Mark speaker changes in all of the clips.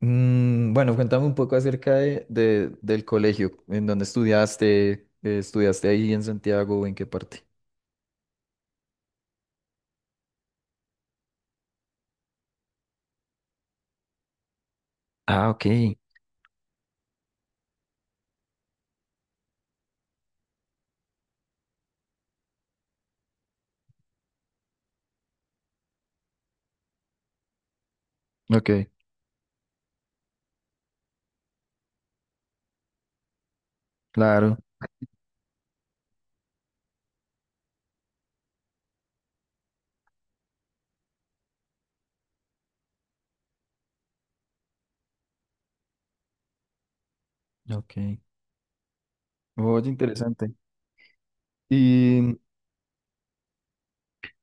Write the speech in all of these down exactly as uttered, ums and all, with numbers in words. Speaker 1: Mm, bueno, cuéntame un poco acerca de, de- del colegio, en dónde estudiaste, eh, estudiaste ahí en Santiago, o en qué parte. Ah, ok. Ok, claro. Ok. Oye, interesante. ¿Y,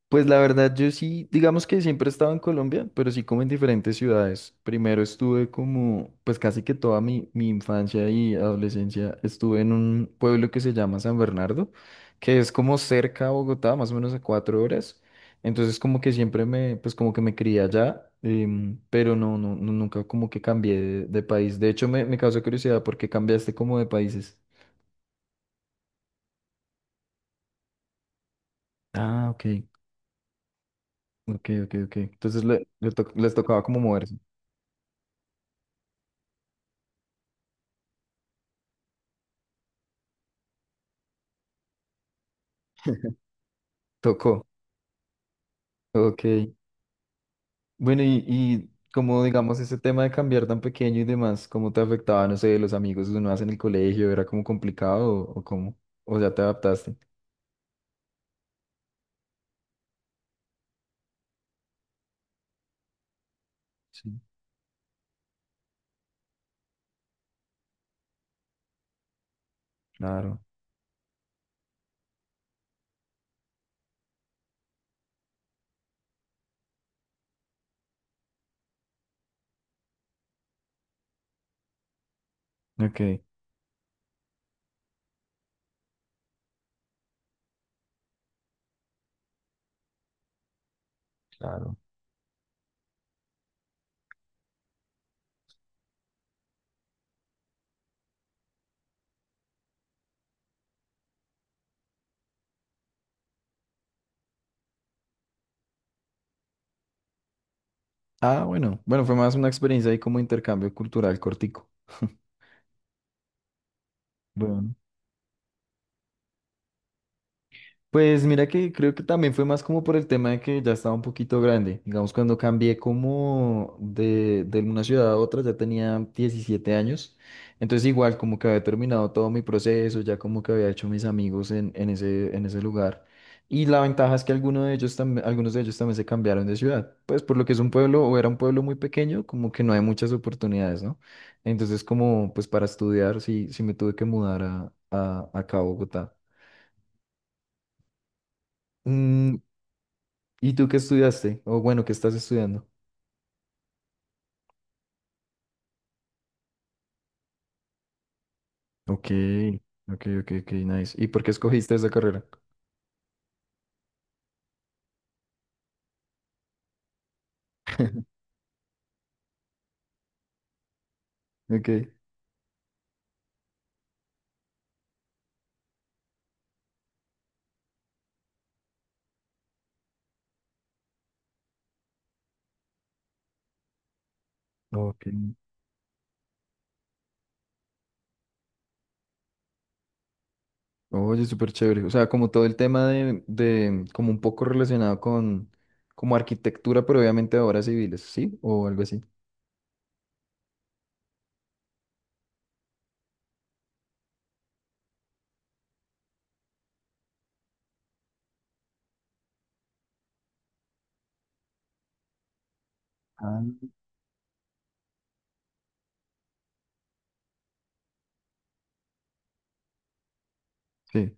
Speaker 1: pues la verdad, yo sí, digamos que siempre he estado en Colombia, pero sí como en diferentes ciudades. Primero estuve como, pues casi que toda mi, mi infancia y adolescencia estuve en un pueblo que se llama San Bernardo, que es como cerca a Bogotá, más o menos a cuatro horas. Entonces como que siempre me, pues como que me crié allá, em, pero no, no, no, nunca como que cambié de, de país. De hecho, me, me causó curiosidad porque cambiaste como de países. Ah, ok, ok, ok, ok. Entonces le, le to- les tocaba como moverse. Tocó. Ok. Bueno, y, y como digamos ese tema de cambiar tan pequeño y demás, ¿cómo te afectaba, no sé, los amigos que uno hace en el colegio? ¿Era como complicado o, o cómo? ¿O ya te adaptaste? Sí, claro. Ok, claro. Ah, bueno. Bueno, fue más una experiencia ahí como intercambio cultural cortico. Bueno, pues mira que creo que también fue más como por el tema de que ya estaba un poquito grande. Digamos, cuando cambié como de, de una ciudad a otra, ya tenía diecisiete años. Entonces igual como que había terminado todo mi proceso, ya como que había hecho mis amigos en, en ese, en ese lugar. Y la ventaja es que algunos de ellos también, algunos de ellos también se cambiaron de ciudad. Pues por lo que es un pueblo o era un pueblo muy pequeño, como que no hay muchas oportunidades, ¿no? Entonces como pues para estudiar sí, sí me tuve que mudar a, a, acá a Bogotá. Mm, ¿Y tú qué estudiaste? O bueno, ¿qué estás estudiando? Ok, ok, ok, ok, nice. ¿Y por qué escogiste esa carrera? Ok. Ok. Oye, súper chévere. O sea, como todo el tema de, de, como un poco relacionado con, como arquitectura, pero obviamente de obras civiles, ¿sí? O algo así. Ah. Sí.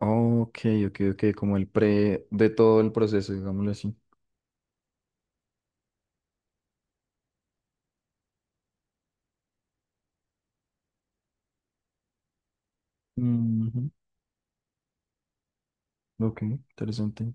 Speaker 1: Ok, ok, ok, como el pre de todo el proceso, digámoslo así. Ujú. Ok, interesante.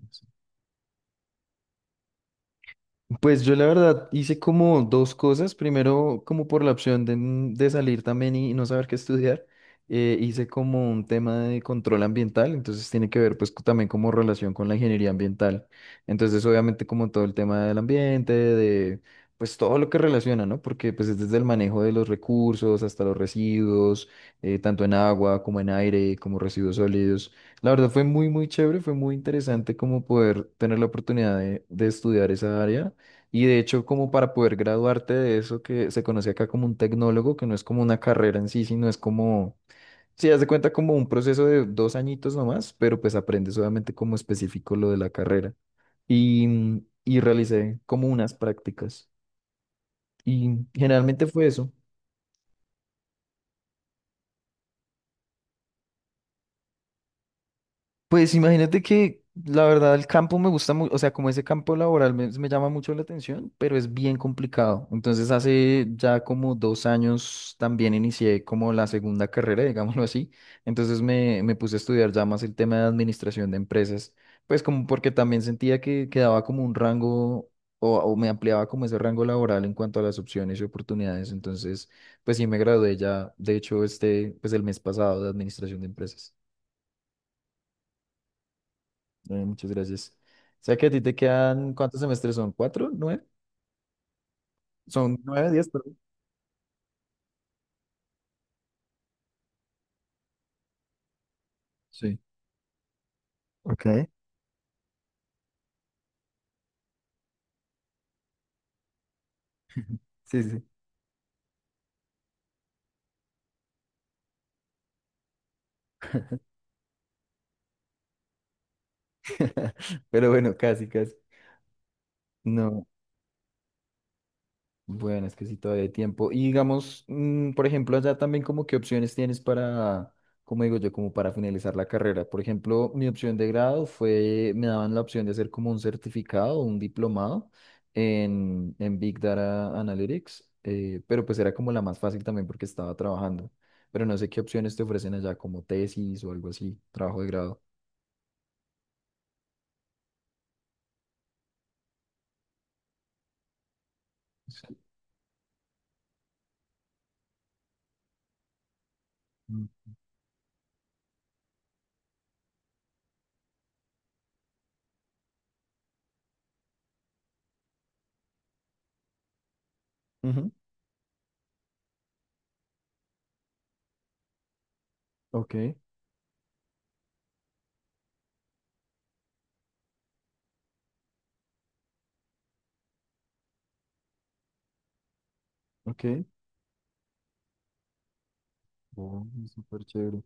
Speaker 1: Pues yo la verdad hice como dos cosas. Primero, como por la opción de, n- de salir también y no saber qué estudiar, eh, hice como un tema de control ambiental, entonces tiene que ver pues co- también como relación con la ingeniería ambiental. Entonces obviamente como todo el tema del ambiente, de pues todo lo que relaciona, ¿no? Porque pues es desde el manejo de los recursos hasta los residuos, eh, tanto en agua como en aire, como residuos sólidos. La verdad fue muy, muy chévere, fue muy interesante como poder tener la oportunidad de, de estudiar esa área. Y de hecho, como para poder graduarte de eso que se conoce acá como un tecnólogo, que no es como una carrera en sí, sino es como, sí, haz de cuenta como un proceso de dos añitos nomás, pero pues aprendes obviamente como específico lo de la carrera. Y, y realicé como unas prácticas. Y generalmente fue eso. Pues imagínate que la verdad el campo me gusta mucho, o sea, como ese campo laboral me, me llama mucho la atención, pero es bien complicado. Entonces hace ya como dos años también inicié como la segunda carrera, digámoslo así. Entonces me, me puse a estudiar ya más el tema de administración de empresas, pues como porque también sentía que quedaba como un rango o, o me ampliaba como ese rango laboral en cuanto a las opciones y oportunidades. Entonces, pues sí me gradué ya, de hecho, este, pues el mes pasado de administración de empresas. Bueno, muchas gracias. O sea que a ti te quedan, ¿cuántos semestres son? ¿Cuatro? ¿Nueve? Son nueve, diez, perdón. Sí. Ok. Sí, sí. Pero bueno, casi, casi. No. Bueno, es que sí, todavía hay tiempo. Y digamos, mm, por ejemplo, allá también como qué opciones tienes para, como digo yo, como para finalizar la carrera. Por ejemplo, mi opción de grado fue, me daban la opción de hacer como un certificado, un diplomado en, en Big Data Analytics, eh, pero pues era como la más fácil también porque estaba trabajando. Pero no sé qué opciones te ofrecen allá, como tesis o algo así, trabajo de grado. Sí. Mm, ujú, ok, ok. Oh, súper chévere.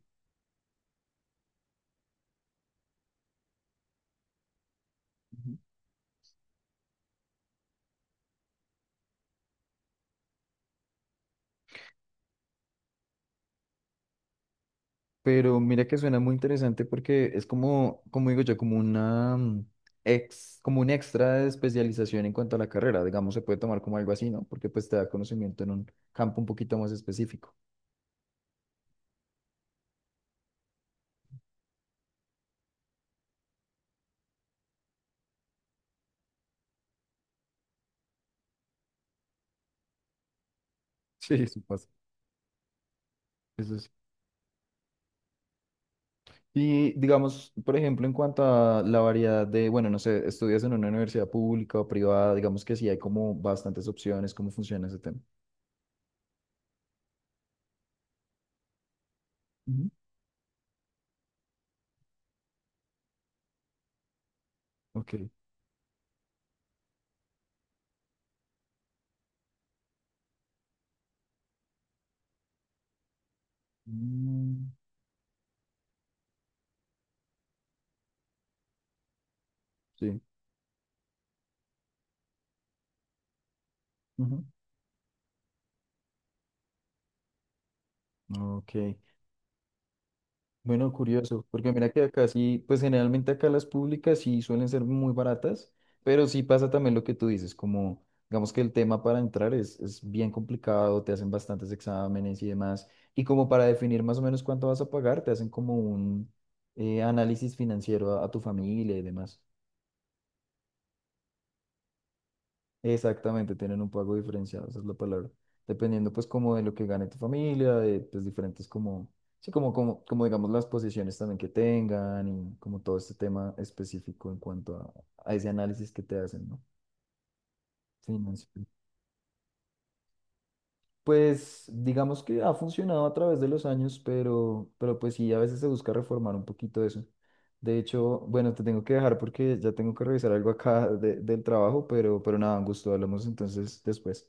Speaker 1: Pero mira que suena muy interesante porque es como, como digo yo, como una mm, ex, como un extra de especialización en cuanto a la carrera, digamos, se puede tomar como algo así, ¿no? Porque pues te da conocimiento en un campo un poquito más específico. Sí, eso pasa. Eso sí. Y digamos, por ejemplo, en cuanto a la variedad de, bueno, no sé, estudias en una universidad pública o privada, digamos que sí hay como bastantes opciones, cómo funciona ese tema. Ujú. Ok. Mm, sí. Ujú. Ok. Bueno, curioso, porque mira que acá sí, pues generalmente acá las públicas sí suelen ser muy baratas, pero sí pasa también lo que tú dices, como digamos que el tema para entrar es, es bien complicado, te hacen bastantes exámenes y demás, y como para definir más o menos cuánto vas a pagar, te hacen como un eh, análisis financiero a, a tu familia y demás. Exactamente, tienen un pago diferenciado, esa es la palabra. Dependiendo pues como de lo que gane tu familia, de pues diferentes como, sí, como, como, como digamos las posiciones también que tengan y como todo este tema específico en cuanto a, a ese análisis que te hacen, ¿no? Financiero. Pues digamos que ha funcionado a través de los años, pero, pero pues sí, a veces se busca reformar un poquito eso. De hecho, bueno, te tengo que dejar porque ya tengo que revisar algo acá de- del trabajo, pero, pero nada, un gusto, hablamos entonces después.